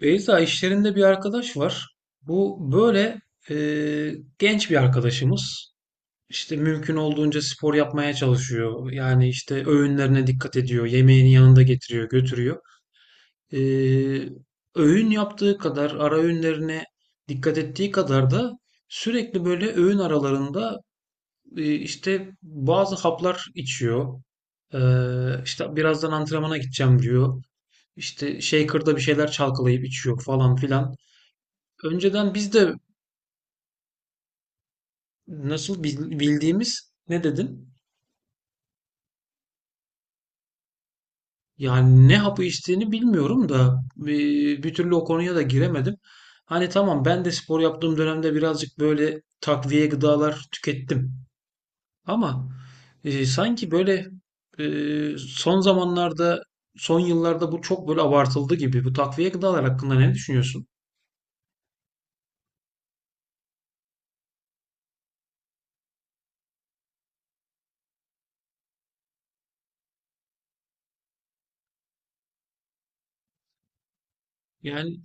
Beyza işlerinde bir arkadaş var. Bu böyle e, genç bir arkadaşımız. İşte mümkün olduğunca spor yapmaya çalışıyor. Yani işte öğünlerine dikkat ediyor. Yemeğini yanında getiriyor, götürüyor. E, Öğün yaptığı kadar, ara öğünlerine dikkat ettiği kadar da sürekli böyle öğün aralarında işte bazı haplar içiyor. E, işte birazdan antrenmana gideceğim diyor. İşte shaker'da bir şeyler çalkalayıp içiyor falan filan. Önceden biz de nasıl bildiğimiz ne dedin? Yani ne hapı içtiğini bilmiyorum da bir türlü o konuya da giremedim. Hani tamam ben de spor yaptığım dönemde birazcık böyle takviye gıdalar tükettim. Ama sanki böyle son zamanlarda, son yıllarda bu çok böyle abartıldı gibi. Bu takviye gıdalar hakkında ne düşünüyorsun? Yani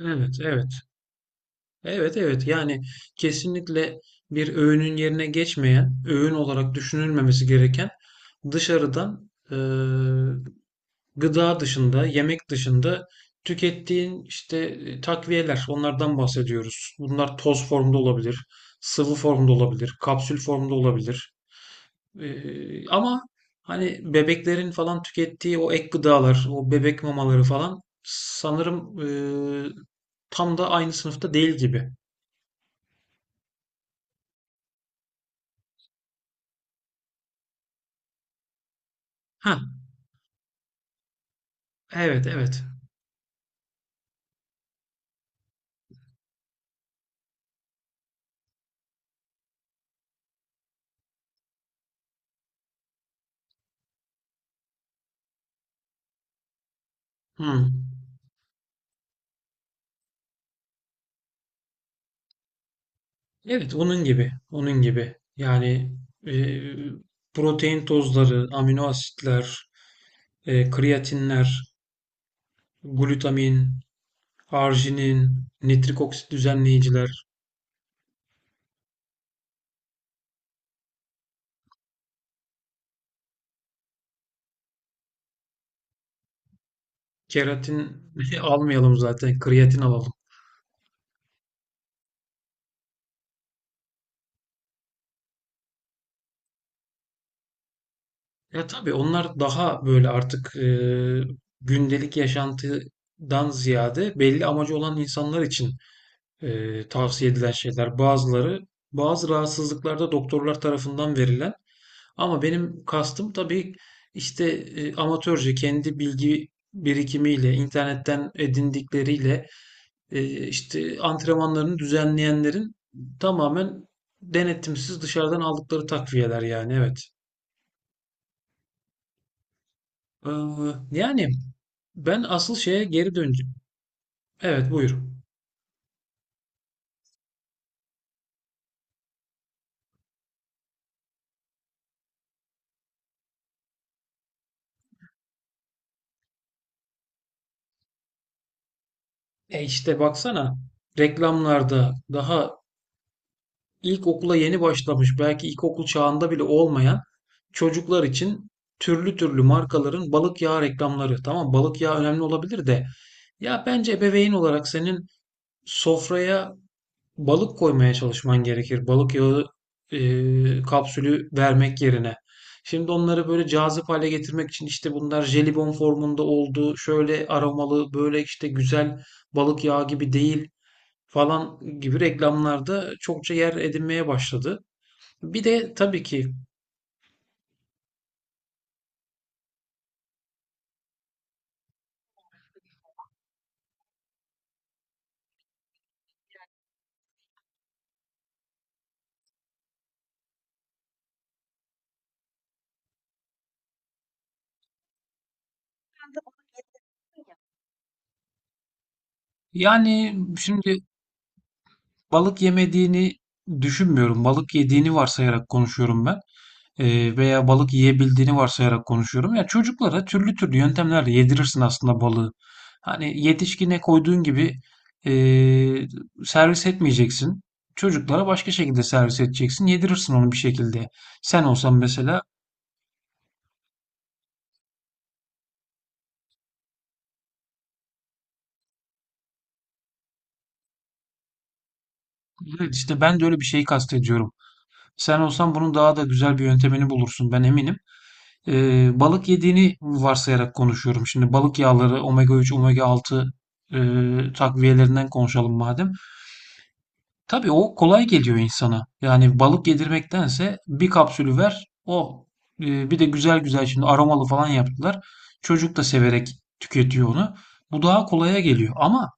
evet, evet. Evet, evet, yani kesinlikle bir öğünün yerine geçmeyen, öğün olarak düşünülmemesi gereken dışarıdan gıda dışında, yemek dışında tükettiğin işte takviyeler, onlardan bahsediyoruz. Bunlar toz formda olabilir, sıvı formda olabilir, kapsül formda olabilir. Ama hani bebeklerin falan tükettiği o ek gıdalar, o bebek mamaları falan sanırım e, tam da aynı sınıfta değil gibi. Ha, evet, evet. Hımm. Evet, onun gibi, onun gibi. Yani, eee, protein tozları, amino asitler, kreatinler, glutamin, arginin, nitrik oksit düzenleyiciler, keratin almayalım zaten, kreatin alalım. Ya, tabii onlar daha böyle artık, gündelik yaşantıdan ziyade belli amacı olan insanlar için tavsiye edilen şeyler, bazıları bazı rahatsızlıklarda doktorlar tarafından verilen, ama benim kastım tabii işte amatörce kendi bilgi birikimiyle internetten edindikleriyle işte antrenmanlarını düzenleyenlerin tamamen denetimsiz dışarıdan aldıkları takviyeler, yani evet. Ee, Yani ben asıl şeye geri döneceğim. Evet, buyur. E, işte baksana, reklamlarda daha İlkokula yeni başlamış, belki ilkokul çağında bile olmayan çocuklar için türlü türlü markaların balık yağı reklamları. Tamam, balık yağı önemli olabilir de ya bence ebeveyn olarak senin sofraya balık koymaya çalışman gerekir. Balık yağı kapsülü vermek yerine. Şimdi onları böyle cazip hale getirmek için işte bunlar jelibon formunda oldu, şöyle aromalı, böyle işte güzel, balık yağı gibi değil falan gibi reklamlarda çokça yer edinmeye başladı. Bir de tabii ki. Yani şimdi balık yemediğini düşünmüyorum. Balık yediğini varsayarak konuşuyorum ben. Veya balık yiyebildiğini varsayarak konuşuyorum. Ya çocuklara türlü türlü yöntemlerle yedirirsin aslında balığı. Hani yetişkine koyduğun gibi ee, servis etmeyeceksin. Çocuklara başka şekilde servis edeceksin. Yedirirsin onu bir şekilde. Sen olsan mesela. Evet, işte ben de öyle bir şeyi kastediyorum. Sen olsan bunun daha da güzel bir yöntemini bulursun, ben eminim. Balık yediğini varsayarak konuşuyorum. Şimdi balık yağları omega 3, omega 6 e, takviyelerinden konuşalım madem. Tabii o kolay geliyor insana. Yani balık yedirmektense bir kapsülü ver o. Bir de güzel güzel şimdi aromalı falan yaptılar. Çocuk da severek tüketiyor onu. Bu daha kolaya geliyor. Ama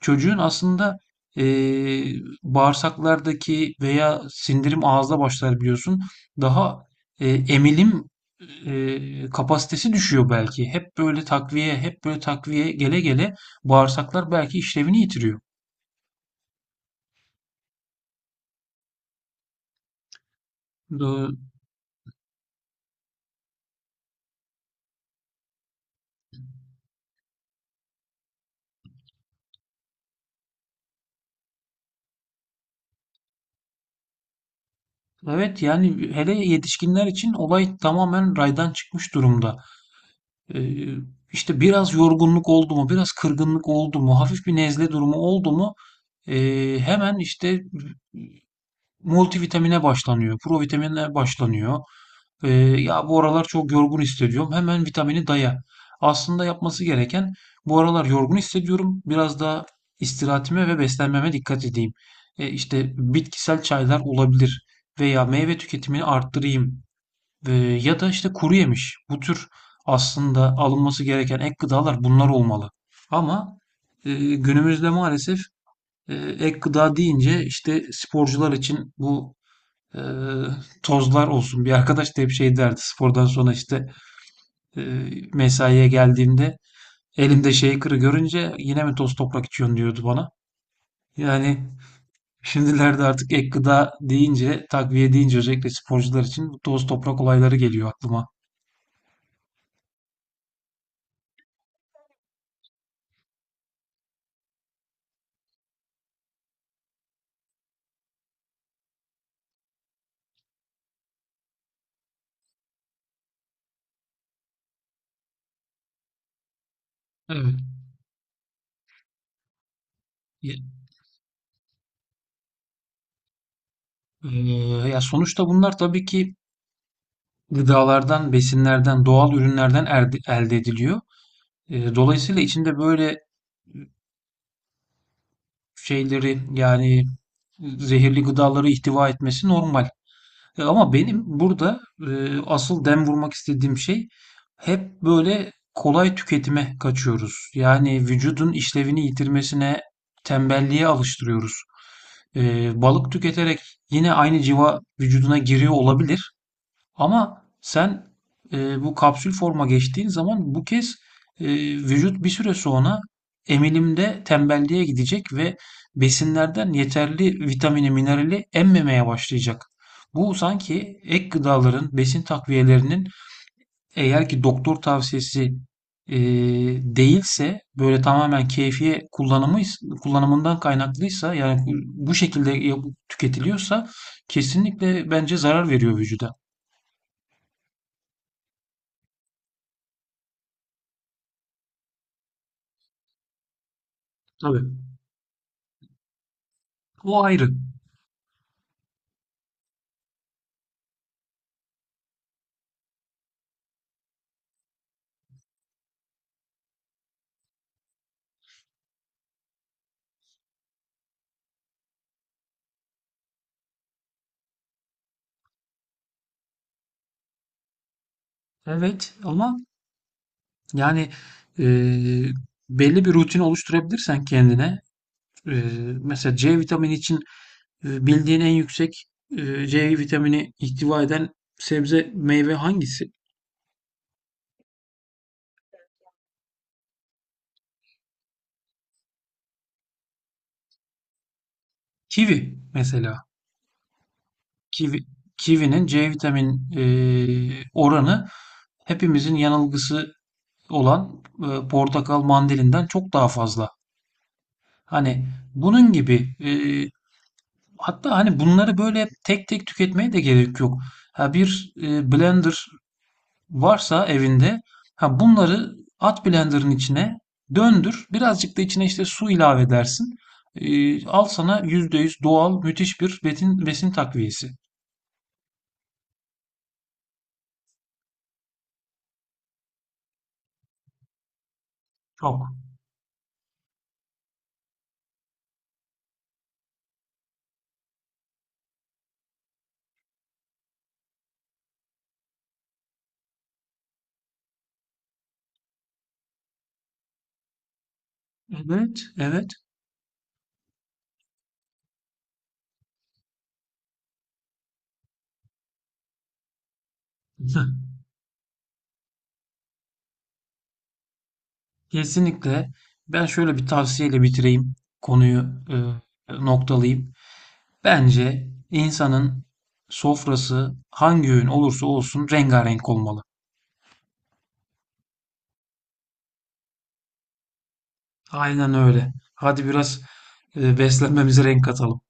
çocuğun aslında, eee, bağırsaklardaki veya sindirim ağızda başlar, biliyorsun. Daha, emilim, kapasitesi düşüyor belki. Hep böyle takviye, hep böyle takviye gele gele bağırsaklar belki işlevini yitiriyor. Do evet, yani hele yetişkinler için olay tamamen raydan çıkmış durumda. Eee, işte biraz yorgunluk oldu mu, biraz kırgınlık oldu mu, hafif bir nezle durumu oldu mu, hemen işte multivitamine başlanıyor, provitamine başlanıyor. Eee, Ya bu aralar çok yorgun hissediyorum. Hemen vitamini daya. Aslında yapması gereken, bu aralar yorgun hissediyorum, biraz daha istirahatime ve beslenmeme dikkat edeyim. İşte bitkisel çaylar olabilir veya meyve tüketimini arttırayım. Ya da işte kuru yemiş. Bu tür aslında alınması gereken ek gıdalar bunlar olmalı. Ama günümüzde maalesef ek gıda deyince işte sporcular için bu e, tozlar olsun. Bir arkadaş da hep şey derdi, spordan sonra işte e, mesaiye geldiğimde elimde shaker'ı görünce yine mi toz toprak içiyorsun diyordu bana. Yani şimdilerde artık ek gıda deyince, takviye deyince, özellikle sporcular için bu toz toprak olayları geliyor aklıma. Evet. Ya, ya sonuçta bunlar tabii ki gıdalardan, besinlerden, doğal ürünlerden elde ediliyor. Dolayısıyla içinde böyle şeyleri, yani zehirli gıdaları ihtiva etmesi normal. Ama benim burada e, asıl dem vurmak istediğim şey, hep böyle kolay tüketime kaçıyoruz. Yani vücudun işlevini yitirmesine, tembelliğe alıştırıyoruz. Balık tüketerek yine aynı civa vücuduna giriyor olabilir. Ama sen bu kapsül forma geçtiğin zaman bu kez e, vücut bir süre sonra emilimde tembelliğe gidecek ve besinlerden yeterli vitamini, minerali emmemeye başlayacak. Bu sanki ek gıdaların, besin takviyelerinin eğer ki doktor tavsiyesi e, değilse, böyle tamamen keyfiye kullanımından kaynaklıysa, yani bu şekilde tüketiliyorsa kesinlikle bence zarar veriyor vücuda. Tabii. O ayrı. Evet, ama yani e, belli bir rutin oluşturabilirsen kendine, e, mesela C vitamini için bildiğin en yüksek C vitamini ihtiva eden sebze meyve hangisi? Kivi mesela. Kivi, kivinin C vitamin oranı hepimizin yanılgısı olan portakal, mandalinden çok daha fazla. Hani bunun gibi hatta hani bunları böyle tek tek tüketmeye de gerek yok. Ha, bir blender varsa evinde, ha bunları at blenderın içine, döndür. Birazcık da içine işte su ilave edersin. Al sana %100 doğal müthiş bir besin, besin takviyesi. Çok. Evet, evet. Kesinlikle. Ben şöyle bir tavsiyeyle bitireyim. Konuyu e, noktalayayım. Bence insanın sofrası hangi öğün olursa olsun rengarenk olmalı. Aynen öyle. Hadi biraz beslenmemize renk katalım.